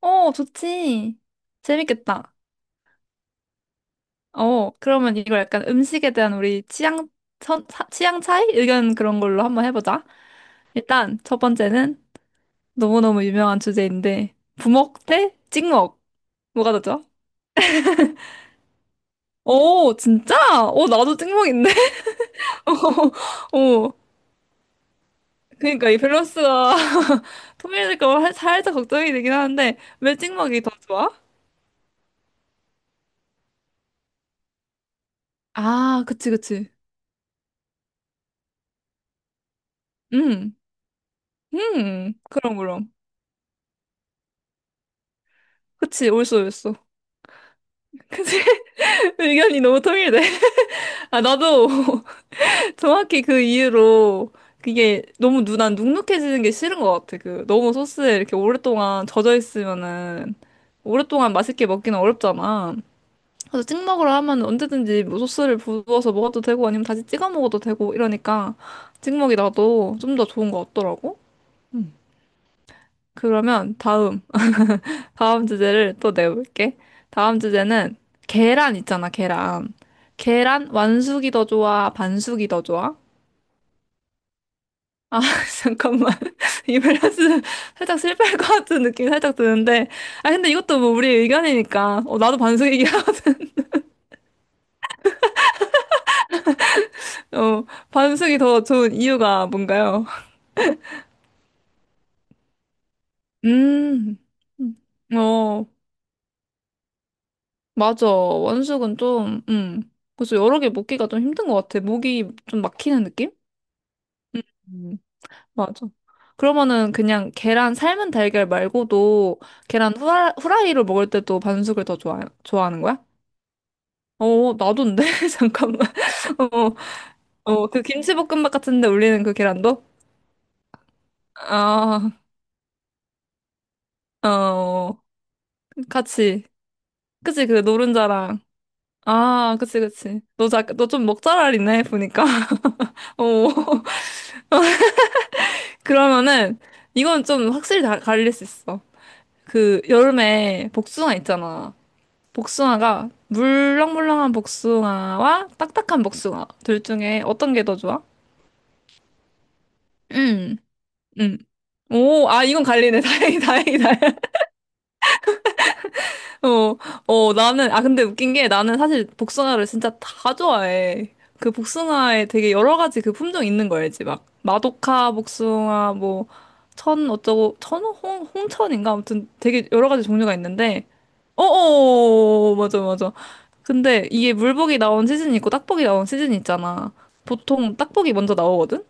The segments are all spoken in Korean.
어, 좋지. 재밌겠다. 어, 그러면 이걸 약간 음식에 대한 우리 취향, 취향 차이? 의견 그런 걸로 한번 해보자. 일단, 첫 번째는 너무너무 유명한 주제인데, 부먹 대 찍먹. 뭐가 더 좋아? 오, 진짜? 오, 나도 찍먹인데? 어, 어. 그러니까 이 밸런스가 통일될까 봐 살짝 걱정이 되긴 하는데, 왜 찍먹이 더 좋아? 아, 그치, 그치. 음, 그럼, 그럼. 그치, 옳소, 옳소. 그치? 의견이 너무 통일돼. 아, 나도 정확히 그 이유로 그게 난 눅눅해지는 게 싫은 것 같아. 그 너무 소스에 이렇게 오랫동안 젖어 있으면은 오랫동안 맛있게 먹기는 어렵잖아. 그래서 찍 먹으러 하면 언제든지 뭐 소스를 부어서 먹어도 되고 아니면 다시 찍어 먹어도 되고 이러니까 찍 먹이 나도 좀 더 좋은 것 같더라고. 그러면 다음, 다음 주제를 또 내볼게. 다음 주제는 계란 있잖아, 계란. 계란 완숙이 더 좋아, 반숙이 더 좋아? 아, 잠깐만. 이 밸런스 살짝 실패할 것 같은 느낌이 살짝 드는데. 아, 근데 이것도 뭐 우리 의견이니까. 어, 나도 반숙이긴 하거든. 어, 반숙이 더 좋은 이유가 뭔가요? 음, 음. 어, 맞아. 원숙은 좀, 그래서 여러 개 먹기가 좀 힘든 것 같아. 목이 좀 막히는 느낌? 음, 음, 맞아. 그러면은 그냥 계란 삶은 달걀 말고도 계란 후라이로 먹을 때도 반숙을 더 좋아, 좋아하는 거야? 어, 나도인데? 잠깐만. 어, 어, 그 김치볶음밥 같은데 올리는 그 계란도? 아, 어, 같이. 그치, 그 노른자랑. 아, 그치, 그치. 너좀 먹잘알이네, 보니까. 어, 그러면은, 이건 좀 확실히 다 갈릴 수 있어. 그, 여름에 복숭아 있잖아. 복숭아가, 물렁물렁한 복숭아와 딱딱한 복숭아. 둘 중에 어떤 게 더 좋아? 음, 음. 오, 아, 이건 갈리네. 다행이, 다행이, 다행이다. 어, 어, 나는, 아, 근데 웃긴 게 나는 사실 복숭아를 진짜 다 좋아해. 그 복숭아에 되게 여러 가지 그 품종 있는 거 알지? 막, 마도카 복숭아, 뭐, 천 어쩌고, 천, 홍, 홍천인가? 아무튼 되게 여러 가지 종류가 있는데, 어어, 맞아, 맞아. 근데 이게 물복이 나온 시즌이 있고 딱복이 나온 시즌이 있잖아. 보통 딱복이 먼저 나오거든?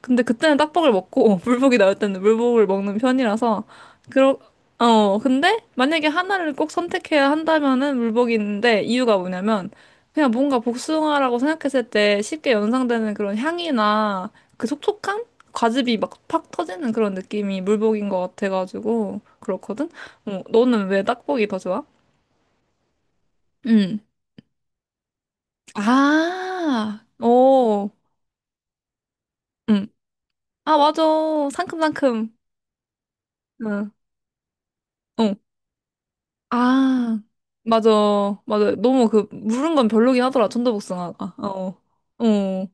근데 그때는 딱복을 먹고 물복이 나올 때는 물복을 먹는 편이라서 그러 어 근데 만약에 하나를 꼭 선택해야 한다면은 물복이 있는데 이유가 뭐냐면 그냥 뭔가 복숭아라고 생각했을 때 쉽게 연상되는 그런 향이나 그 촉촉함? 과즙이 막 팍 터지는 그런 느낌이 물복인 것 같아가지고 그렇거든? 어, 너는 왜 딱복이 더 좋아? 응. 아, 오, 응. 아, 맞아. 상큼상큼. 응. 어. 아, 맞아. 맞아. 너무 그, 물은 건 별로긴 하더라. 천도복숭아가. 어. 어.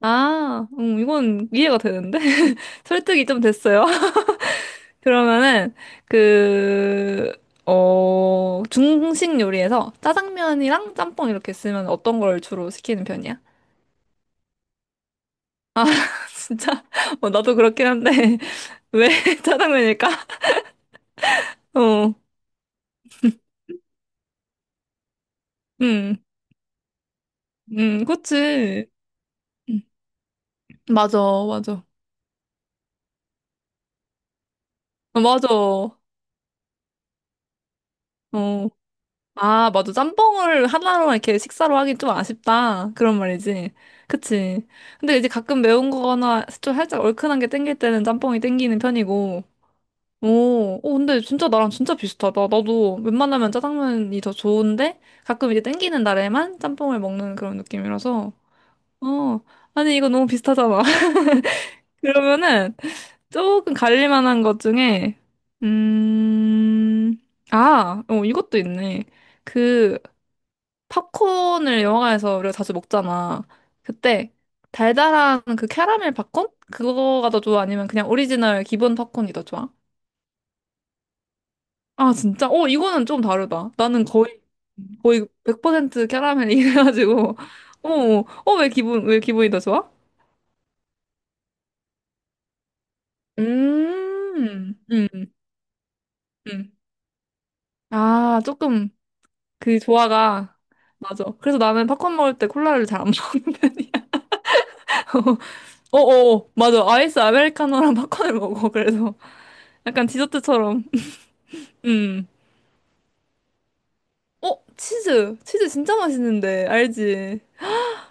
아, 이건 이해가 되는데? 설득이 좀 됐어요. 그러면은, 그, 어, 중식 요리에서 짜장면이랑 짬뽕 이렇게 쓰면 어떤 걸 주로 시키는 편이야? 진짜? 어, 나도 그렇긴 한데, 왜 짜장면일까? 어, 음, 그치. 음, 맞아, 맞아. 어, 맞아. 어. 아, 맞아. 짬뽕을 하나로만 이렇게 식사로 하긴 좀 아쉽다. 그런 말이지. 그치. 근데 이제 가끔 매운 거나 좀 살짝 얼큰한 게 땡길 때는 짬뽕이 땡기는 편이고. 오, 오, 근데 진짜 나랑 진짜 비슷하다. 나도 웬만하면 짜장면이 더 좋은데 가끔 이제 땡기는 날에만 짬뽕을 먹는 그런 느낌이라서. 어, 아니, 이거 너무 비슷하잖아. 그러면은 조금 갈릴만한 것 중에, 음, 아, 어, 이것도 있네. 그, 팝콘을 영화관에서 우리가 자주 먹잖아. 그때 달달한 그 캐러멜 팝콘? 그거가 더 좋아? 아니면 그냥 오리지널 기본 팝콘이 더 좋아? 아, 진짜? 어, 이거는 좀 다르다. 나는 거의, 거의 100% 캐러멜 이래가지고. 어, 어, 왜 기분이 더 좋아? 음, 음, 음. 아, 조금 그 조화가, 맞아. 그래서 나는 팝콘 먹을 때 콜라를 잘 안 먹는 편이야. 어어 맞아 아이스 아메리카노랑 팝콘을 먹어 그래서 약간 디저트처럼. 음. 어, 치즈. 치즈 진짜 맛있는데. 알지?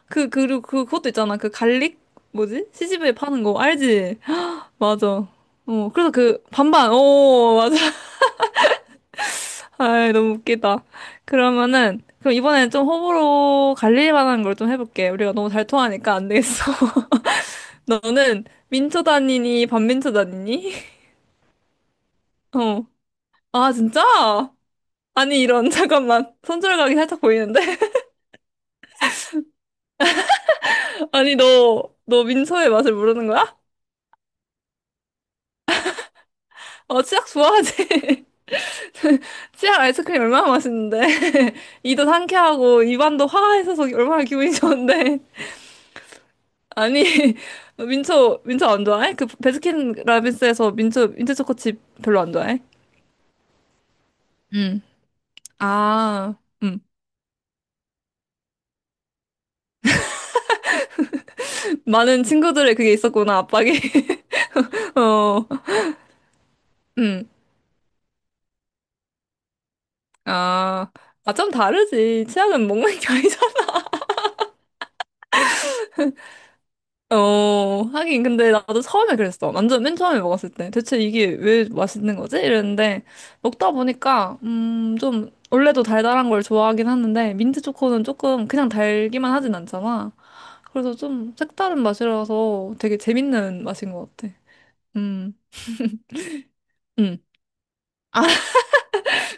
그, 그리고 그, 그것도 있잖아. 그 갈릭? 뭐지? 시집에 파는 거. 알지? 맞아. 어, 그래서 그, 반반. 오, 맞아. 아이, 너무 웃기다. 그러면은, 그럼 이번엔 좀 호불호 갈릴 만한 걸 좀 해볼게. 우리가 너무 잘 통하니까 안 되겠어. 너는 민초 다니니, 반민초 다니니? 어. 아, 진짜? 아니, 이런, 잠깐만. 손절각이 살짝 보이는데? 아니, 너, 너 민서의 맛을 모르는 거야? 어, 치약 좋아하지? 치약 아이스크림 얼마나 맛있는데. 이도 상쾌하고, 입안도 화가 있어서 얼마나 기분이 좋은데. 아니, 민초, 민초 안 좋아해? 그, 베스킨라빈스에서 민초, 민초 초코칩 별로 안 좋아해? 응. 아, 응. 많은 친구들의 그게 있었구나, 압박이. 어, 응. 아, 아, 좀 다르지. 치약은 먹는 게 아니잖아. 어, 하긴, 근데 나도 처음에 그랬어. 완전 맨 처음에 먹었을 때. 대체 이게 왜 맛있는 거지? 이랬는데, 먹다 보니까, 좀, 원래도 달달한 걸 좋아하긴 하는데, 민트 초코는 조금 그냥 달기만 하진 않잖아. 그래서 좀 색다른 맛이라서 되게 재밌는 맛인 것 같아. 음, 음. 아,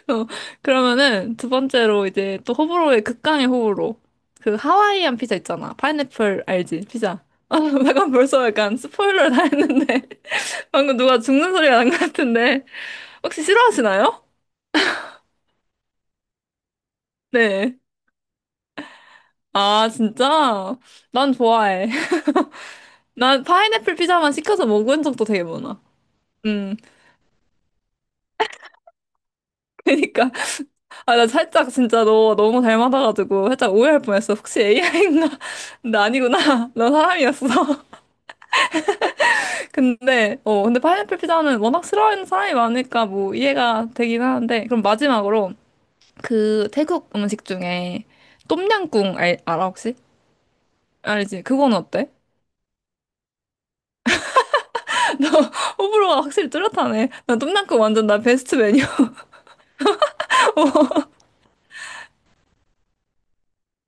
그러면은 두 번째로 이제 또 호불호의 극강의 호불호. 그 하와이안 피자 있잖아. 파인애플 알지? 피자. 아, 잠깐 벌써 약간 스포일러를 다 했는데. 방금 누가 죽는 소리가 난 것 같은데. 혹시 싫어하시나요? 네. 아, 진짜? 난 좋아해. 난 파인애플 피자만 시켜서 먹은 적도 되게 많아. 음, 그니까. 아, 나 살짝 진짜 너 너무 닮아가지고 살짝 오해할 뻔했어. 혹시 AI인가? 나 아니구나. 나 사람이었어. 근데, 어, 근데 파인애플 피자는 워낙 싫어하는 사람이 많으니까 뭐 이해가 되긴 하는데. 그럼 마지막으로 그 태국 음식 중에 똠양꿍 알아 혹시? 알지? 그건 어때? 나 호불호가 확실히 뚜렷하네. 나 똠양꿍 완전 나 베스트 메뉴.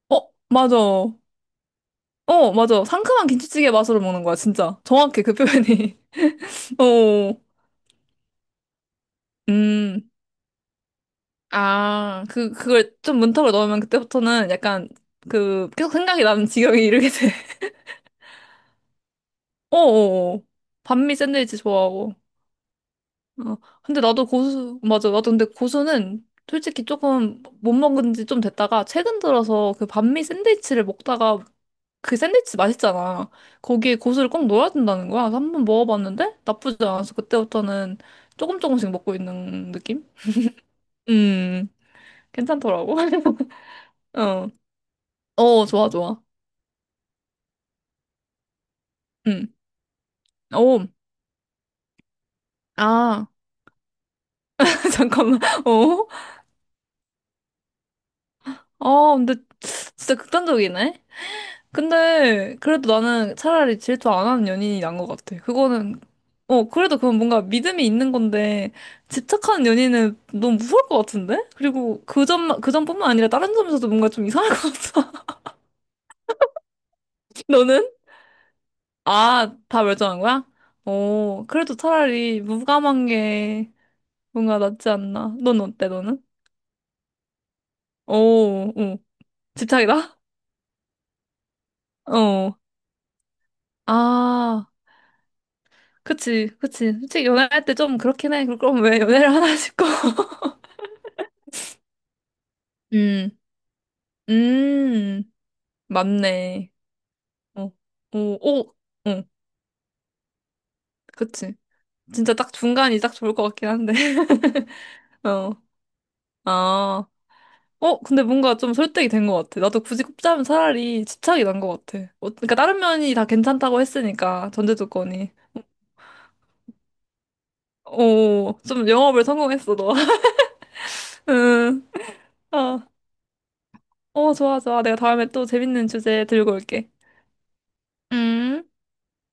어, 맞아. 어, 맞아. 상큼한 김치찌개 맛으로 먹는 거야, 진짜. 정확해, 그 표현이. 어, 음. 아, 그, 그걸 좀 문턱을 넣으면 그때부터는 약간 그, 계속 생각이 나는 지경에 이르게 돼. 어어어. 반미 샌드위치 좋아하고. 어, 근데 나도 고수, 맞아. 나도 근데 고수는 솔직히 조금 못 먹은 지 좀 됐다가 최근 들어서 그 반미 샌드위치를 먹다가 그 샌드위치 맛있잖아. 거기에 고수를 꼭 넣어야 된다는 거야. 그래서 한번 먹어봤는데 나쁘지 않아서 그때부터는 조금 조금씩 먹고 있는 느낌? 음, 괜찮더라고. 어, 어, 좋아, 좋아. 음, 오, 아, 잠깐만. 어, 아, 근데 진짜 극단적이네. 근데 그래도 나는 차라리 질투 안 하는 연인이 난 것 같아. 그거는 어 그래도 그건 뭔가 믿음이 있는 건데 집착하는 연인은 너무 무서울 것 같은데? 그리고 그 점만 그 점뿐만 아니라 다른 점에서도 뭔가 좀 이상할 것 같아. 너는? 아, 다 멸종한 거야? 어 그래도 차라리 무감한 게 뭔가 낫지 않나. 넌 어때, 너는? 오, 어, 집착이다? 어. 아, 그치, 그치. 솔직히 연애할 때 좀 그렇긴 해. 그럼 왜 연애를 하나 싶고. 음. 음, 맞네. 어, 오, 오, 응, 그치. 진짜 딱 중간이 딱 좋을 것 같긴 한데. 어, 아, 어, 근데 뭔가 좀 설득이 된 것 같아. 나도 굳이 꼽자면 차라리 집착이 난 것 같아. 어, 그러니까 다른 면이 다 괜찮다고 했으니까, 전제 조건이. 오, 좀 영업을 성공했어, 너. 응, 어, 어, 좋아, 좋아. 내가 다음에 또 재밌는 주제 들고 올게. 음.